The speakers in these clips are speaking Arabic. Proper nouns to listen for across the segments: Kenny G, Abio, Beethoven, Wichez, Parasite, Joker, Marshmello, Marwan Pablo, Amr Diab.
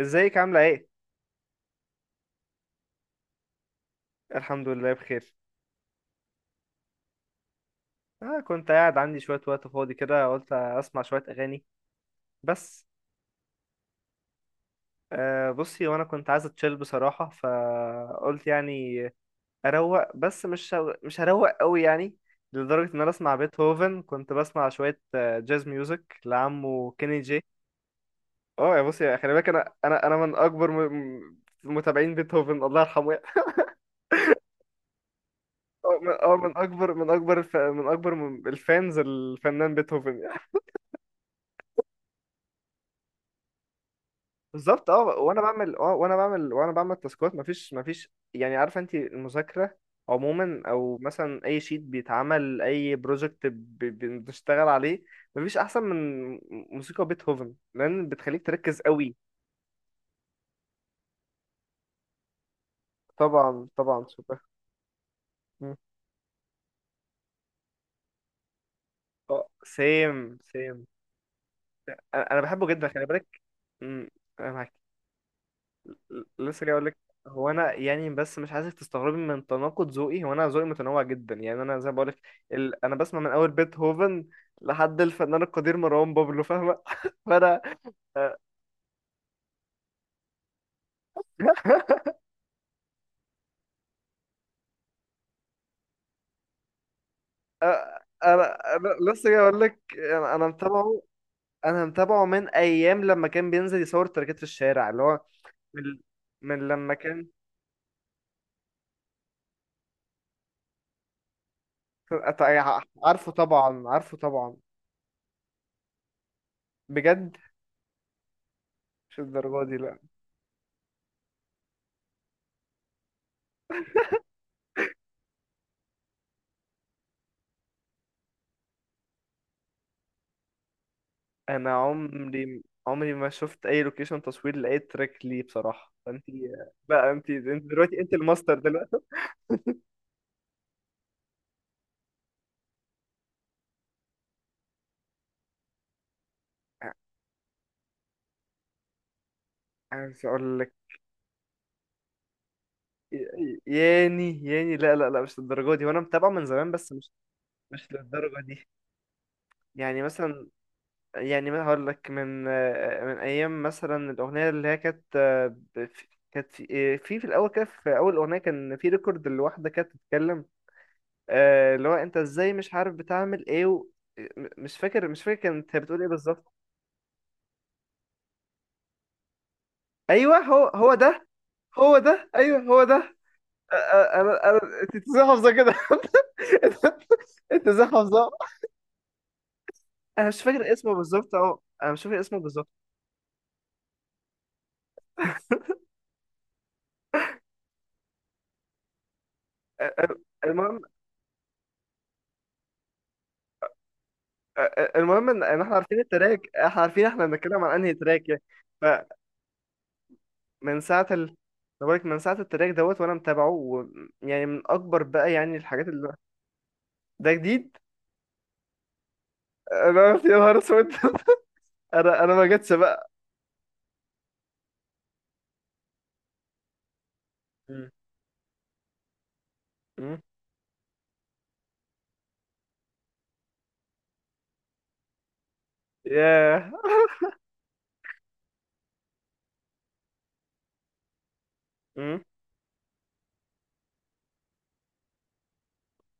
ازيك عاملة ايه؟ الحمد لله بخير. كنت قاعد عندي شوية وقت فاضي كده، قلت اسمع شوية اغاني بس. بصي، وانا كنت عايز اتشيل بصراحة، فقلت يعني اروق، بس مش هروق قوي يعني، لدرجة ان انا اسمع بيتهوفن. كنت بسمع شوية جاز ميوزك لعمه كيني جي. اه يا بصي، خلي بالك، انا من متابعين بيتهوفن الله يرحمه. اه من من اكبر الفانز الفنان بيتهوفن. بالظبط، اه وانا بعمل تاسكات، مفيش يعني، عارفه انت المذاكره عموما، او مثلا اي شيت بيتعمل، اي بروجكت بنشتغل عليه، مفيش احسن من موسيقى بيتهوفن، لان بتخليك تركز قوي. طبعا طبعا، شبه. اه سيم سيم، انا بحبه جدا، خلي بالك. مم، أنا معاك. لسه جاي اقول لك. هو انا يعني، بس مش عايزك تستغربي من تناقض ذوقي. هو انا ذوقي متنوع جدا يعني. انا زي ما بقول لك، انا بسمع من اول بيتهوفن لحد الفنان القدير مروان بابلو، فاهمه؟ فانا آه، انا لسه جاي اقول لك. انا متابعه، انا متابعه من ايام لما كان بينزل يصور تركات في الشارع، اللي هو من, من لما كان. عارفه طبعا، عارفه طبعا. بجد، مش الدرجه دي لا. انا عمري ما شفت اي لوكيشن تصوير لاي تراك ليه بصراحه، فانت بقى، انت دلوقتي انت الماستر دلوقتي. عايز اقول لك، ياني لا لا لا، مش للدرجه دي، وانا متابعه من زمان، بس مش، مش للدرجه دي. يعني مثلا، يعني ما هقول لك من من ايام مثلا الاغنيه اللي هي كانت كانت في في الاول كده، في اول اغنيه كان في ريكورد لواحده كانت بتتكلم. اللي هو انت ازاي مش عارف بتعمل ايه و... م- مش فاكر مش فاكر كانت هي بتقول ايه بالظبط. ايوه، هو ده. هو ده، ايوه هو ده. آه، آه، انا انا انت ازاي حافظه كده؟ انت، أنت ازاي حافظه؟ انا مش فاكر اسمه بالظبط، اهو انا مش فاكر اسمه بالظبط. آه، آه، المهم المهم ان احنا عارفين التراك، احنا عارفين احنا بنتكلم عن انهي تراك يعني. فمن ساعه ال بقولك من ساعه التراك دوت وانا متابعه يعني من اكبر بقى، يعني الحاجات اللي، ده جديد. انا قلت يا نهار اسود. انا ما جاتش بقى. مم. مم. ياه. مم.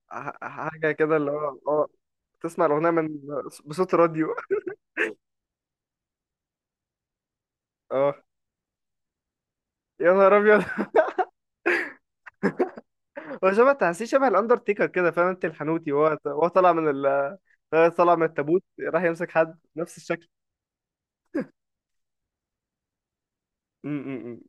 حاجه كده اللي هو اه، تسمع الاغنيه من بصوت راديو. اه يا نهار ابيض. هو شبه، تحسيه شبه الاندرتيكر كده، فاهم انت الحنوتي، وهو، طالع من طالع من التابوت راح يمسك حد نفس الشكل. م- م- م.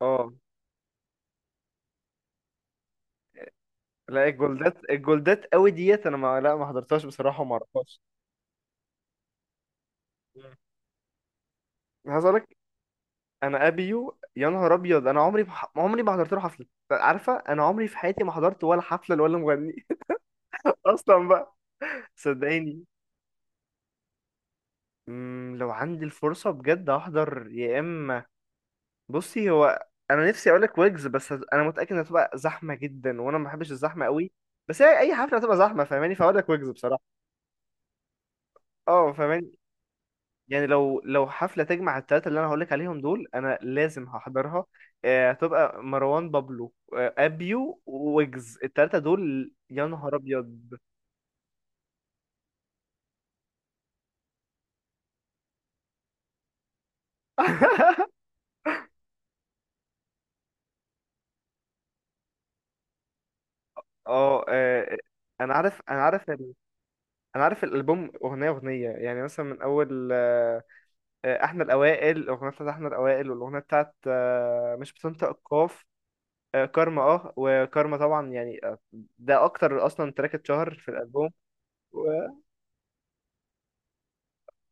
اه لا، الجولدات، الجولدات قوي ديت، انا ما، لا ما حضرتهاش بصراحه وما اعرفهاش. مم. عايز اقول لك، انا ابيو يا نهار ابيض. انا عمري ما حضرت له حفله. عارفه انا عمري في حياتي ما حضرت ولا حفله ولا مغني. اصلا بقى، صدقيني. لو عندي الفرصه بجد احضر يا اما، بصي هو انا نفسي اقول لك ويجز، انا متاكد انها تبقى زحمه جدا، وانا ما بحبش الزحمه قوي، بس هي اي حفله هتبقى زحمه فاهماني، فاقول لك ويجز بصراحه. اه فاهماني. يعني لو حفلة تجمع التلاتة اللي أنا هقولك عليهم دول، أنا لازم هحضرها. هتبقى مروان بابلو، أبيو، ويجز، التلاتة دول يا نهار أبيض. اه، أنا عارف أنا عارف ال- أنا عارف الألبوم. أغنية يعني مثلا، من أول إحنا الأوائل، الأغنية بتاعت إحنا الأوائل، والأغنية بتاعت مش بتنطق القاف، كارما، اه وكارما طبعا يعني، ده أكتر أصلا تراك اتشهر في الألبوم. و...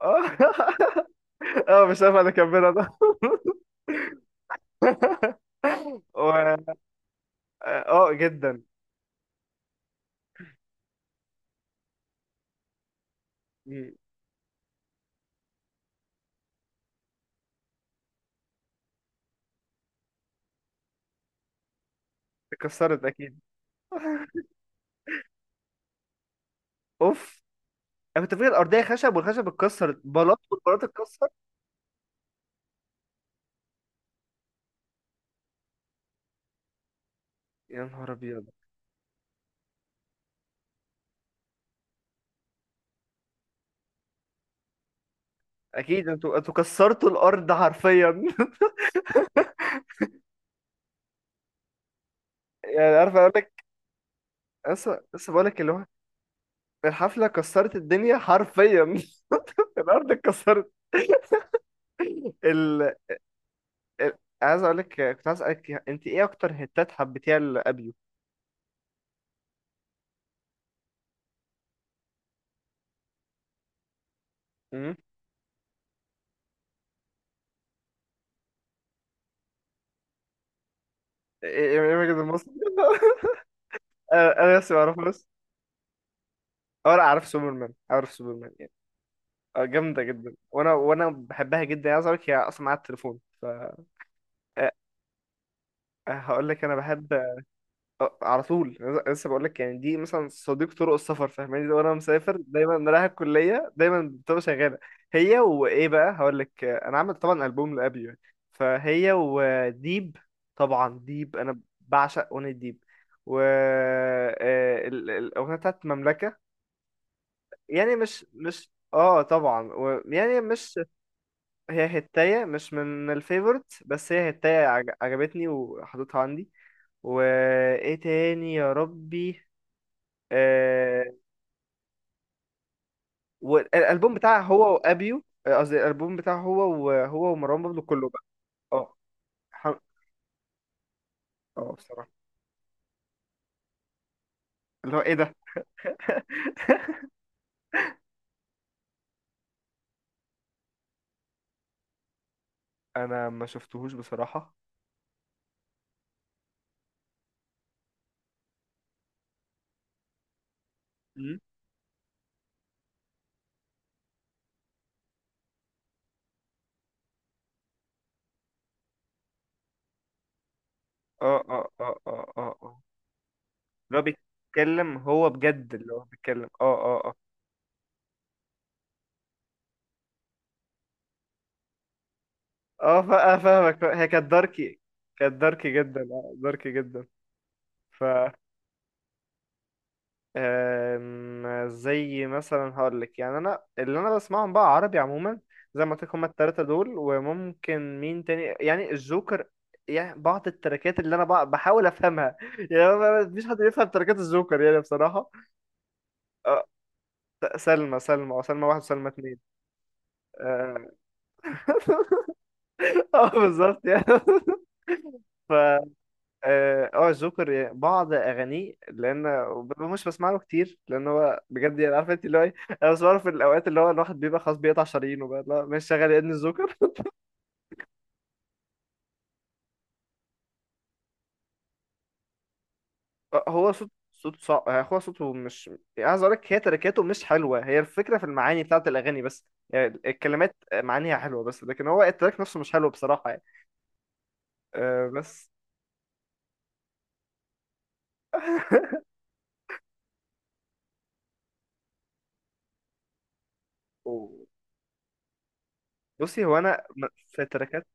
اه. اه مش عارف اكملها ده. و... اه جدا. مم. اتكسرت اكيد. اوف، انا كنت فاكر الارضيه خشب، والخشب اتكسرت بلاط، والبلاط اتكسر. يا نهار ابيض، اكيد انتوا، انتوا كسرتوا الارض حرفيا. يعني عارف اقول لك، لسه، لسه بقول لك اللي هو، الحفله كسرت الدنيا حرفيا. الارض اتكسرت. ال... عايز اقول لك، كنت عايز اسالك انت ايه اكتر هتات حبيتيها لابيو؟ امم، ايه، إيه- إيه المجد المصري؟ انا لسه ما اعرفهاش. اه لا، عارف سوبرمان، عارف سوبرمان يعني. اه جامدة جدا، وانا بحبها جدا يعني. عايز اقول لك، هي اصلا معايا التليفون، ف أه، أه، هقول لك انا بحب اه على طول. أنا لسه بقول لك يعني، دي مثلا صديق طرق السفر فاهماني، وانا مسافر دايما، رايح الكلية دايما بتبقى شغالة. هي وايه بقى، هقول لك اه، انا عامل طبعا ألبوم لأبي يعني، فهي وديب. طبعا ديب انا بعشق اغنية ديب، و اه الاغنية بتاعت مملكة. يعني مش، مش اه طبعا و... يعني مش، هي هتاية مش من الفيفورت، بس هي هتاية عجبتني وحطيتها عندي. وايه تاني يا ربي؟ آه... والالبوم بتاعه هو وابيو، قصدي الالبوم بتاعه هو وهو ومروان بابلو كله بقى. اه، ح- اه بصراحة. اللي هو ايه ده، انا ما شفتهوش بصراحة. مم. اه اه اه اه اه اه، اللي هو بيتكلم هو بجد، اللي هو بيتكلم اه. اه اه اه، فاهمك. هي كانت داركي، كانت داركي جدا، اه داركي جدا. أم، زي مثلا هقولك، يعني انا اللي انا بسمعهم بقى عربي عموما، زي ما قلت لك هما التلاتة دول، وممكن مين تاني يعني، الجوكر يعني. بعض التراكات اللي انا بقى بحاول افهمها يعني، أنا مفيش حد بيفهم تراكات الجوكر يعني بصراحة. أه، سلمى، سلمى، او سلمى واحد وسلمى اتنين. اه. بالظبط يعني. ف اه، جوكر بعض اغانيه، لان مش بسمع له كتير، لان هو بجد يعني عارف انت اللي هو ايه، انا بسمعه في الاوقات اللي هو الواحد بيبقى خلاص بيقطع شرايينه بقى، لا مش شغال يا ابن الجوكر. هو صوت، صوت صعب، هو صوته مش، يعني عايز اقول لك، هي تركاته مش حلوه، هي الفكره في المعاني بتاعت الاغاني، بس يعني الكلمات معانيها حلوه، بس لكن هو التراك نفسه مش حلو بصراحه يعني. أه بس. أوه. بصي هو انا في التراكات.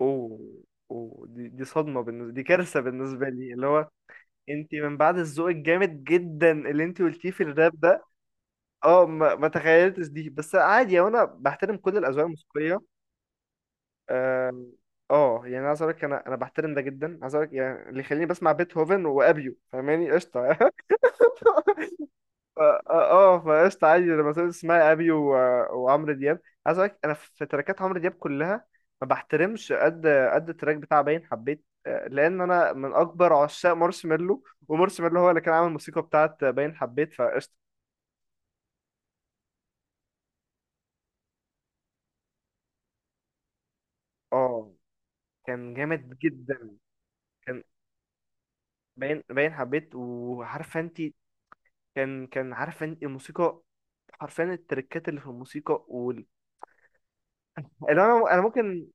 اوه، اوه دي، دي صدمه بالنسبه، دي كارثه بالنسبه لي اللي هو، انت من بعد الذوق الجامد جدا اللي انت قلتيه في الراب ده. اه ما تخيلتش دي، بس عادي وانا بحترم كل الاذواق الموسيقيه. اه اه، يعني عايز اقول لك، انا بحترم ده جدا. عايز اقول لك يعني اللي يخليني بسمع بيتهوفن وابيو، فاهماني؟ قشطه. اه، فقشطة. عادي، لما سمعت اسمها ابي وعمرو دياب. عايز اقول لك، انا في تراكات عمرو دياب كلها ما بحترمش قد التراك بتاع باين حبيت، لان انا من اكبر عشاق مارشميلو، ومارشميلو هو اللي كان عامل الموسيقى بتاعت باين حبيت، فقشطة. اه كان جامد جدا. كان باين، باين حبيت، وعارفه انت، كان، كان عارفه انت الموسيقى حرفيا، التركات اللي في الموسيقى اللي انا ممكن،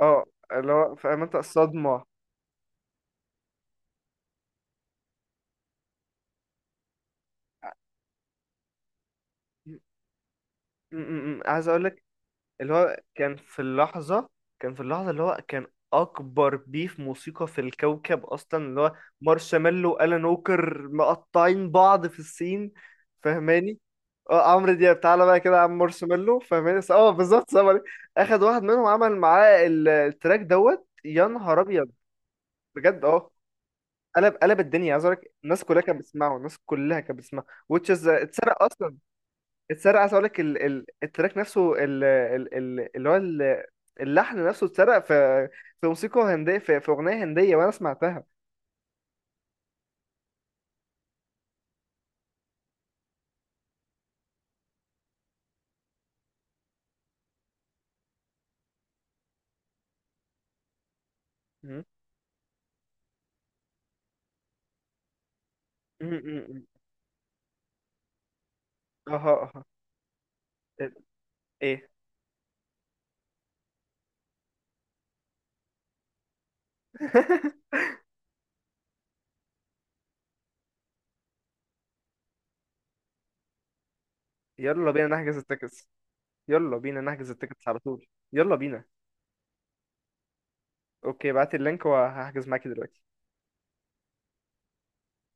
اه اللي هو فاهم انت الصدمه. م- م- م. عايز اقول لك، اللي هو كان في اللحظة، كان في اللحظة اللي هو كان أكبر بيف موسيقى في الكوكب أصلا، اللي هو مارشميلو وألان ووكر مقطعين بعض في السين، فاهماني؟ اه عمرو دياب تعالى بقى كده يا عم مارشميلو، فاهماني؟ بالظبط، سمري أخد واحد منهم عمل معاه التراك دوت، يا نهار أبيض. بجد اه، قلب، قلب الدنيا. عايز أقول لك الناس كلها كانت بتسمعه، الناس كلها كانت بتسمعه، which is اتسرق أصلا. اتسرق. عايز اقول لك التراك نفسه، ال... ال... ال... اللي هو ال... اللحن نفسه اتسرق في، في موسيقى هنديه، في اغنيه هنديه وانا سمعتها. مم. مم. مم. اها اها. ايه؟ يلا بينا نحجز التيكتس. يلا بينا نحجز التيكتس على طول. يلا بينا. اوكي، بعت اللينك وهحجز معاكي دلوقتي.